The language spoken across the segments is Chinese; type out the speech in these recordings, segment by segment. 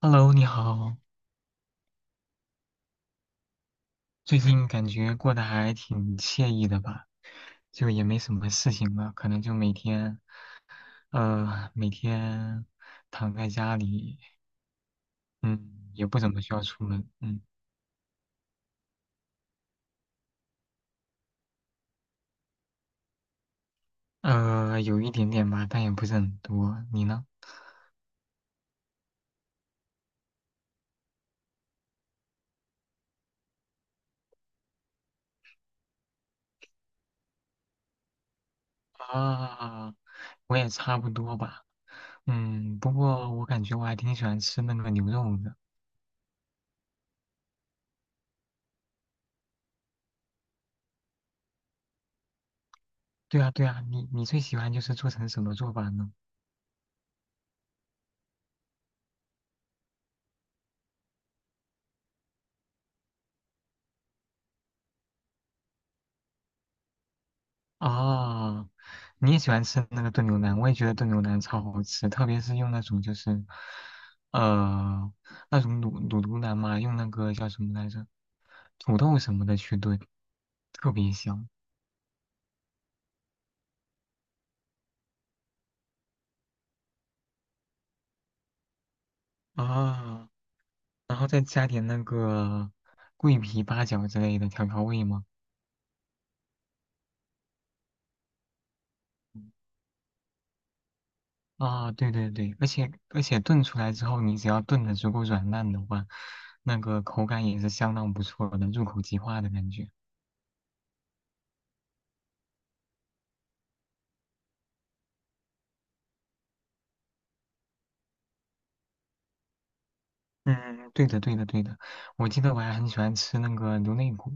Hello，你好，最近感觉过得还挺惬意的吧？就也没什么事情了，可能就每天，每天躺在家里，嗯，也不怎么需要出门，嗯，有一点点吧，但也不是很多。你呢？啊，我也差不多吧，嗯，不过我感觉我还挺喜欢吃那个牛肉的。对啊，对啊，你最喜欢就是做成什么做法呢？啊，你也喜欢吃那个炖牛腩，我也觉得炖牛腩超好吃，特别是用那种就是，呃，那种卤牛腩嘛，用那个叫什么来着，土豆什么的去炖，特别香啊。然后再加点那个桂皮、八角之类的调味嘛。啊，对对对，而且炖出来之后，你只要炖的足够软烂的话，那个口感也是相当不错的，入口即化的感觉。嗯，对的，对的，对的。我记得我还很喜欢吃那个牛肋骨，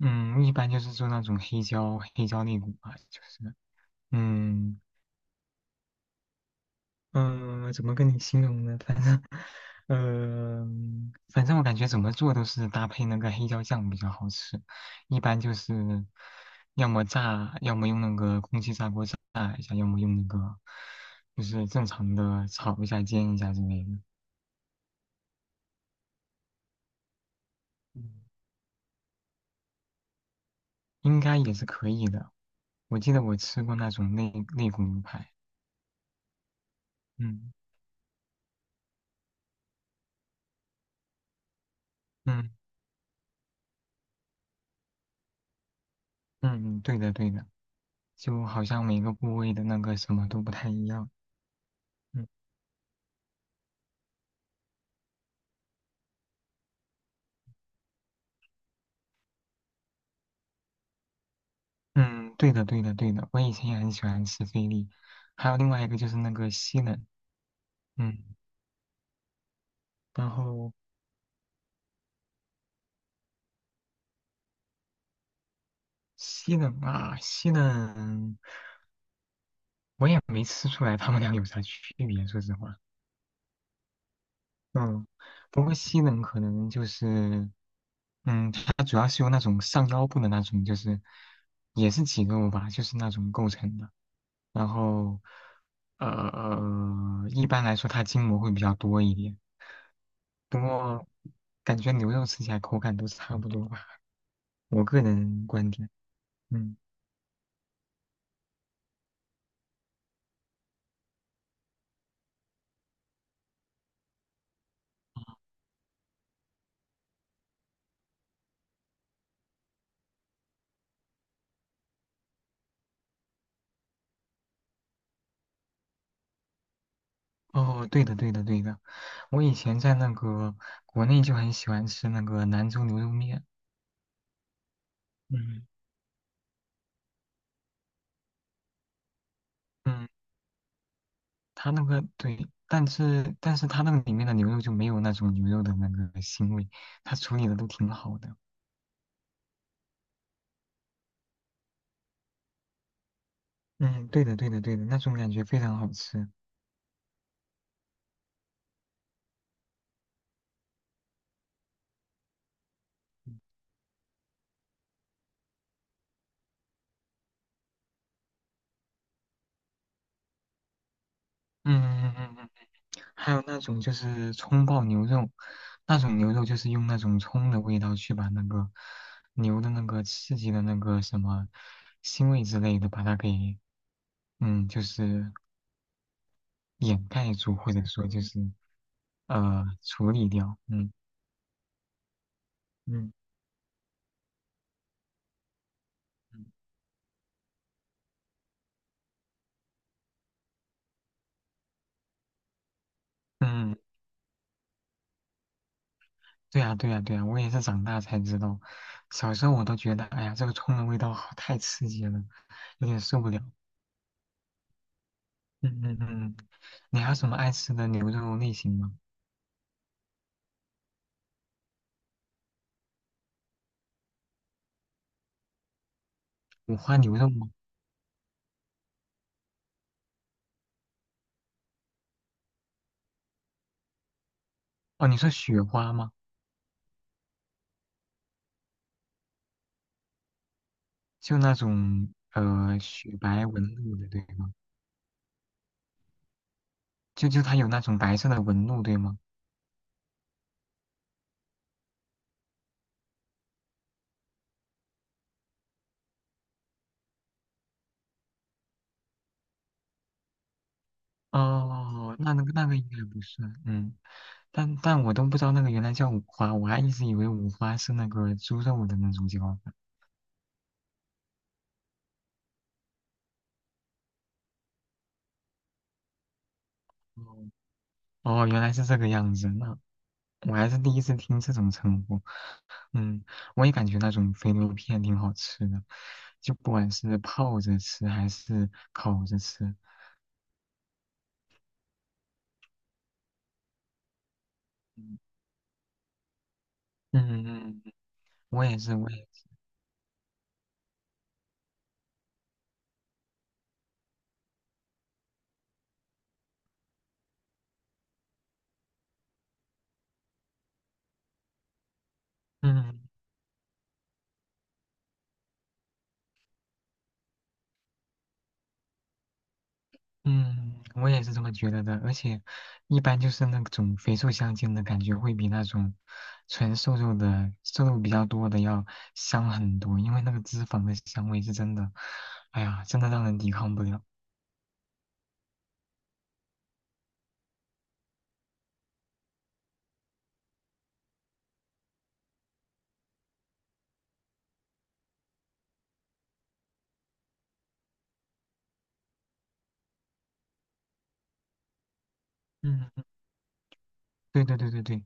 嗯，一般就是做那种黑椒肋骨吧，就是，嗯嗯、怎么跟你形容呢？反正，呃，反正我感觉怎么做都是搭配那个黑椒酱比较好吃，一般就是要么炸，要么用那个空气炸锅炸一下，要么用那个就是正常的炒一下、煎一下之类的，嗯应该也是可以的。我记得我吃过那种肋骨牛排，嗯嗯嗯，对的对的，就好像每个部位的那个什么都不太一样，嗯嗯，对的对的对的，我以前也很喜欢吃菲力，还有另外一个就是那个西冷，嗯，然后西冷啊西冷，我也没吃出来他们俩有啥区别，说实话，嗯，不过西冷可能就是。嗯，它主要是由那种上腰部的那种，就是也是肌肉吧，就是那种构成的。然后一般来说它筋膜会比较多一点，不过感觉牛肉吃起来口感都差不多吧，我个人观点。嗯，哦，对的，对的，对的，我以前在那个国内就很喜欢吃那个兰州牛肉面。嗯嗯，它那个对，但是它那个里面的牛肉就没有那种牛肉的那个腥味，它处理的都挺好的。嗯，对的，对的，对的，那种感觉非常好吃。嗯嗯嗯嗯嗯还有那种就是葱爆牛肉，那种牛肉就是用那种葱的味道去把那个牛的那个刺激的那个什么腥味之类的，把它给嗯就是掩盖住，或者说就是处理掉。嗯嗯嗯嗯对呀对呀对呀，我也是长大才知道，小时候我都觉得哎呀这个葱的味道好太刺激了，有点受不了。嗯嗯嗯，你还有什么爱吃的牛肉类型吗？五花牛肉吗？哦，你说雪花吗？就那种雪白纹路的，对吗？就它有那种白色的纹路，对吗？哦，那那个应该不算，嗯，但我都不知道那个原来叫五花，我还一直以为五花是那个猪肉的那种叫法。哦，哦原来是这个样子，那我还是第一次听这种称呼。嗯，我也感觉那种肥牛片挺好吃的，就不管是泡着吃还是烤着吃。嗯嗯，嗯嗯嗯我也是，我也是。嗯嗯嗯，我也是这么觉得的，而且一般就是那种肥瘦相间的感觉会比那种纯瘦肉的瘦肉比较多的要香很多，因为那个脂肪的香味是真的，哎呀，真的让人抵抗不了。嗯，对对对对对，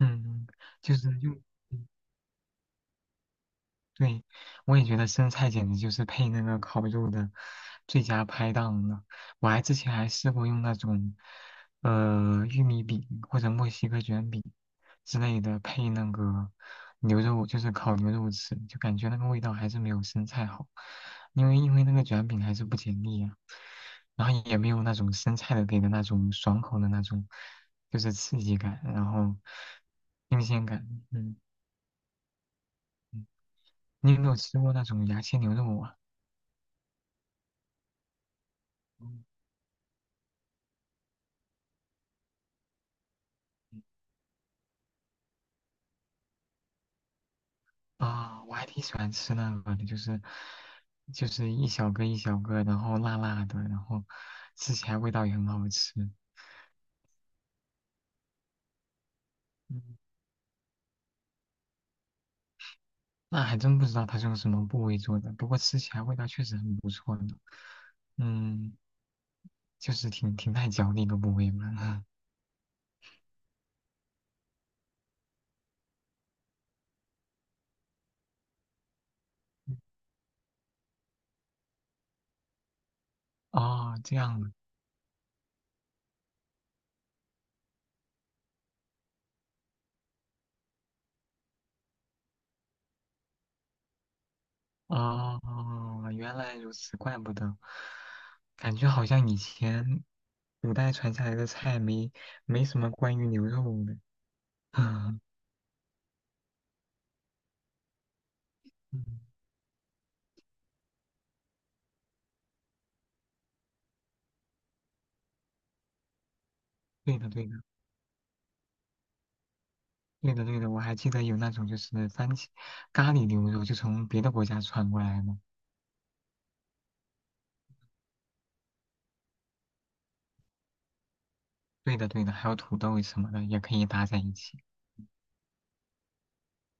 嗯，就是用。嗯对，我也觉得生菜简直就是配那个烤肉的最佳拍档了。我还之前还试过用那种，玉米饼或者墨西哥卷饼之类的配那个牛肉，就是烤牛肉吃，就感觉那个味道还是没有生菜好，因为那个卷饼还是不解腻啊，然后也没有那种生菜的给的那种爽口的那种，就是刺激感，然后新鲜感，嗯。嗯你有没有吃过那种牙签牛肉啊？啊，我还挺喜欢吃那个的，就是就是一小个一小个，然后辣辣的，然后吃起来味道也很好吃。嗯，那还真不知道它是用什么部位做的，不过吃起来味道确实很不错呢。嗯，就是挺耐嚼的一个部位嘛。哦，这样的。哦，原来如此，怪不得，感觉好像以前古代传下来的菜没什么关于牛肉的。嗯，对的对的。对的对的，我还记得有那种就是番茄咖喱牛肉，就从别的国家传过来的。对的对的，还有土豆什么的也可以搭在一起。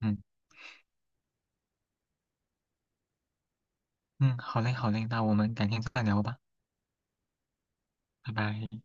嗯嗯，好嘞好嘞，那我们改天再聊吧，拜拜。